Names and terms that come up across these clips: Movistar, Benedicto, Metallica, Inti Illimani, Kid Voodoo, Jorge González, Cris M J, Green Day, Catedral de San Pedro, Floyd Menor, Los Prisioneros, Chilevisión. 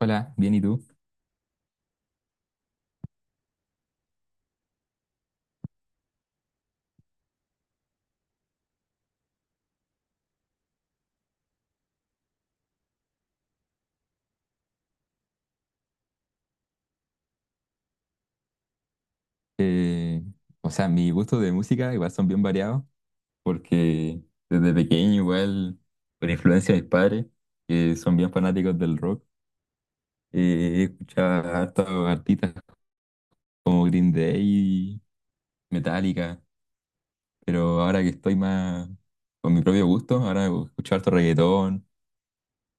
Hola, bien, ¿y tú? Eh, o sea, mis gustos de música igual son bien variados, porque desde pequeño igual, por influencia de mis padres, que son bien fanáticos del rock, escuchaba hartos artistas como Green Day, Metallica, pero ahora que estoy más con mi propio gusto, ahora escucho harto reggaetón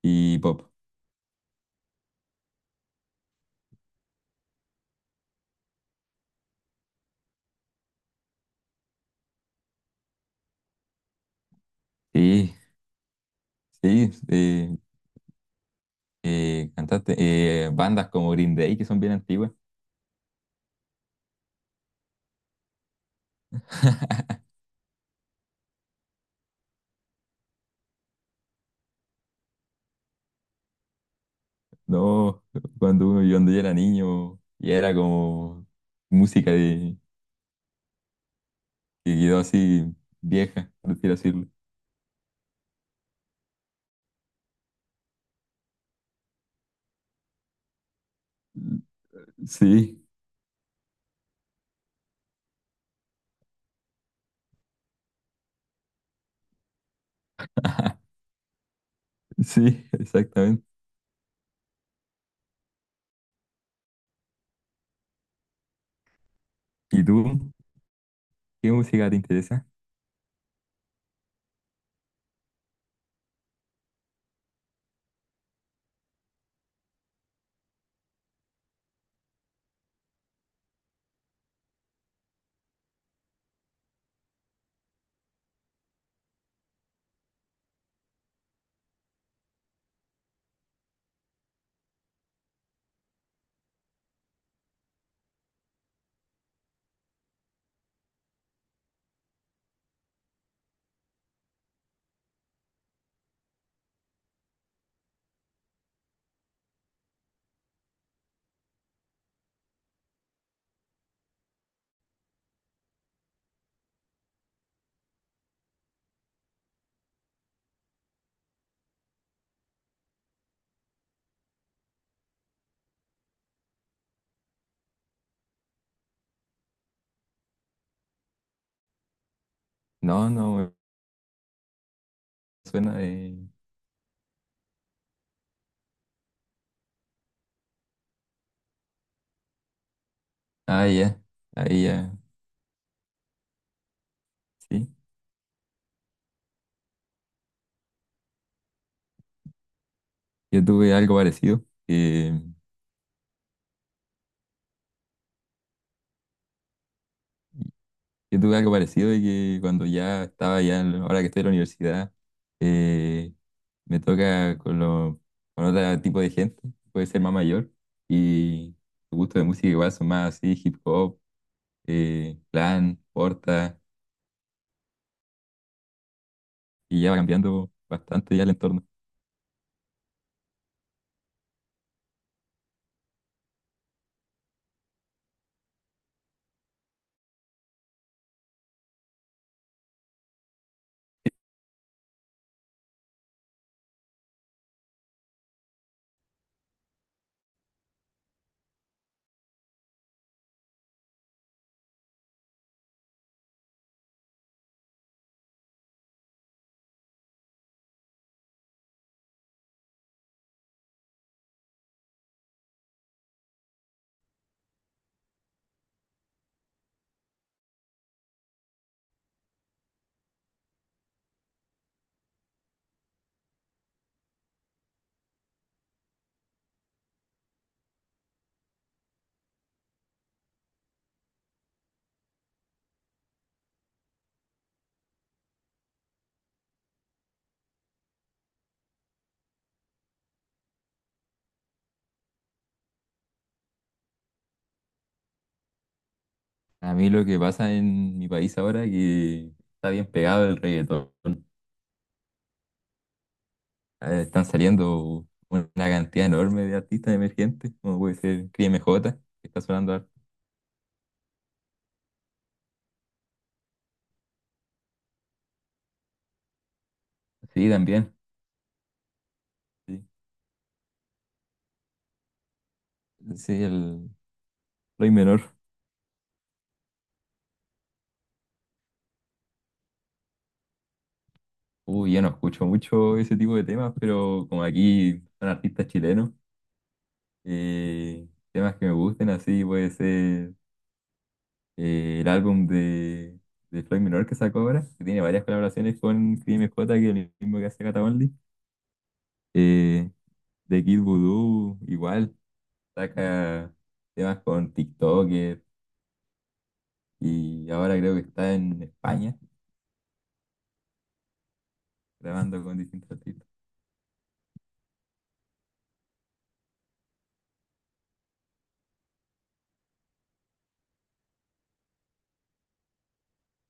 y pop. Sí, sí, cantaste, bandas como Green Day que son bien antiguas. No, cuando uno, yo cuando yo era niño y era como música de, que quedó así vieja, por así decirlo. Sí, sí, exactamente. ¿Y tú? ¿Qué música te interesa? No, no, me suena de... Ah, ya, ahí ya, sí. Yo tuve algo parecido. Yo tuve algo parecido de que cuando ya estaba ya, ahora que estoy en la universidad, eh, me toca con, con otro tipo de gente, puede ser más mayor, y los gustos de música igual son más así, hip hop, clan, porta, y ya va cambiando bastante ya el entorno. A mí lo que pasa en mi país ahora es que está bien pegado el reggaetón. Están saliendo una cantidad enorme de artistas emergentes, como puede ser CrisMJ que está sonando harto. Sí, también. Sí, sí el Floyd Menor. Uy, ya no escucho mucho ese tipo de temas, pero como aquí son artistas chilenos, eh, temas que me gusten, así puede ser el álbum de Floyd Menor que sacó ahora, que tiene varias colaboraciones con Crim J, que es el mismo que hace Cata. Eh, de Kid Voodoo, igual, saca temas con TikToker y ahora creo que está en España grabando con distintos artistas.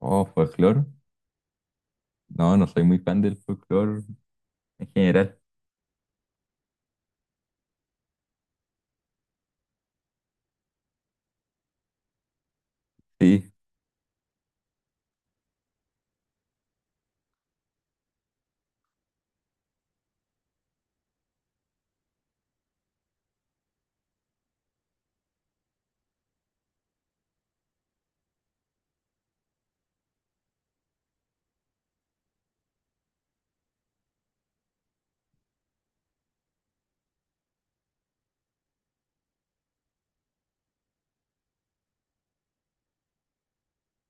Oh, folclore. No, no soy muy fan del folclore en general. Sí,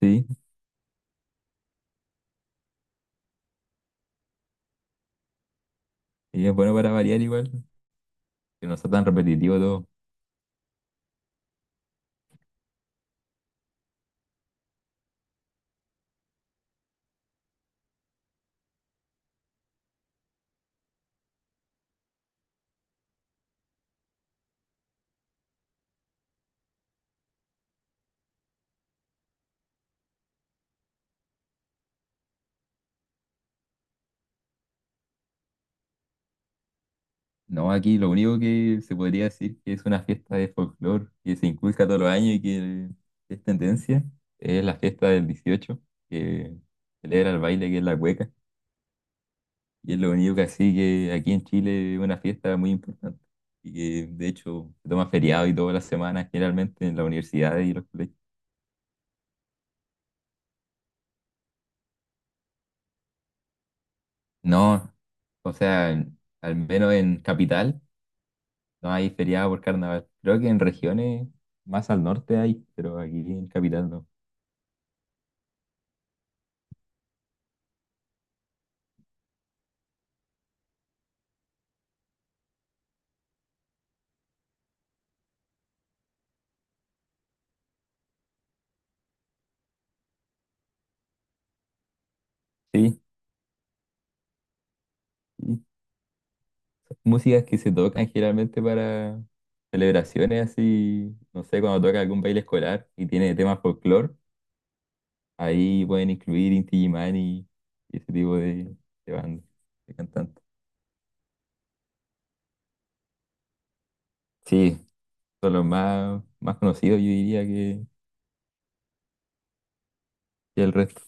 sí. Y es bueno para variar igual, que no sea tan repetitivo todo. No, aquí lo único que se podría decir que es una fiesta de folclore que se inculca todos los años y que es tendencia, es la fiesta del 18 que celebra el baile que es la cueca. Y es lo único que así que aquí en Chile es una fiesta muy importante. Y que de hecho se toma feriado y todas las semanas generalmente en las universidades y los colegios. No, o sea, al menos en Capital. No hay feriado por carnaval. Creo que en regiones más al norte hay, pero aquí en capital no. Sí, sí. Músicas que se tocan generalmente para celebraciones así, no sé, cuando toca algún baile escolar y tiene temas folclore, ahí pueden incluir Inti Illimani y ese tipo de bandas, de cantantes. Sí, son los más, más conocidos, yo diría, que el resto.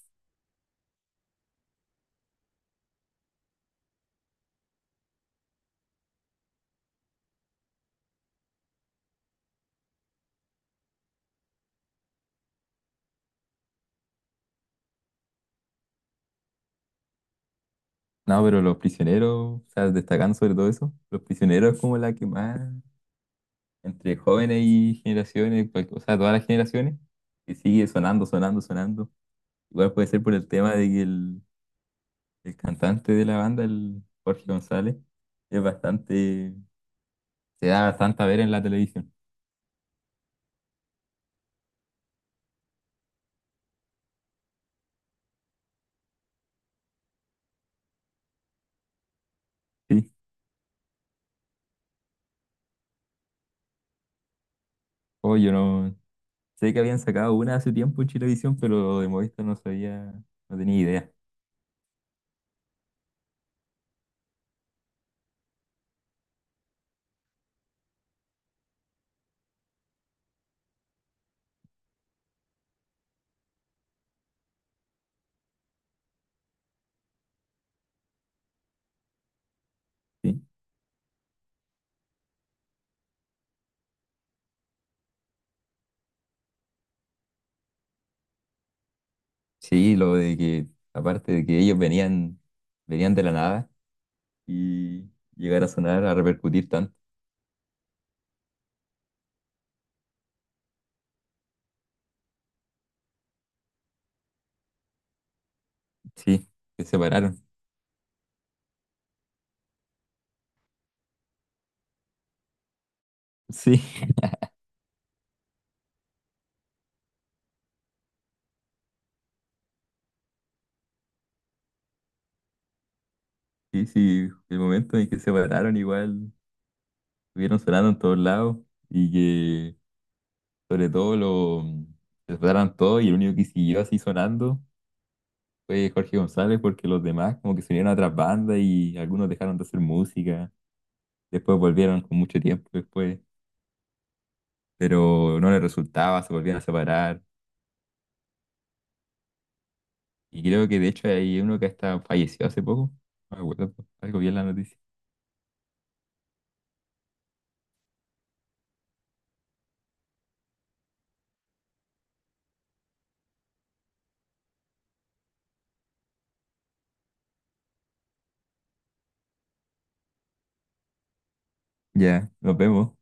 No, pero los prisioneros, o sea, destacando sobre todo eso, los prisioneros es como la que más entre jóvenes y generaciones, pues, o sea, todas las generaciones, que sigue sonando, sonando, sonando. Igual puede ser por el tema de que el cantante de la banda, el Jorge González, es bastante, se da bastante a ver en la televisión. Sí, oh, yo no sé que habían sacado una hace tiempo en Chilevisión, pero de Movistar no sabía, no tenía idea. Sí, sí, lo de que, aparte de que ellos venían, venían de la nada y llegar a sonar, a repercutir tanto. Sí, se separaron. Sí. Sí, sí, el momento en que se pararon igual, estuvieron sonando en todos lados y que sobre todo se pararon todos y el único que siguió así sonando fue Jorge González porque los demás como que se unieron a otras bandas y algunos dejaron de hacer música, después volvieron con mucho tiempo después, pero no les resultaba, se volvían a separar y creo que de hecho hay uno que hasta falleció hace poco, no me acuerdo, algo bien la noticia. Ya, nos vemos.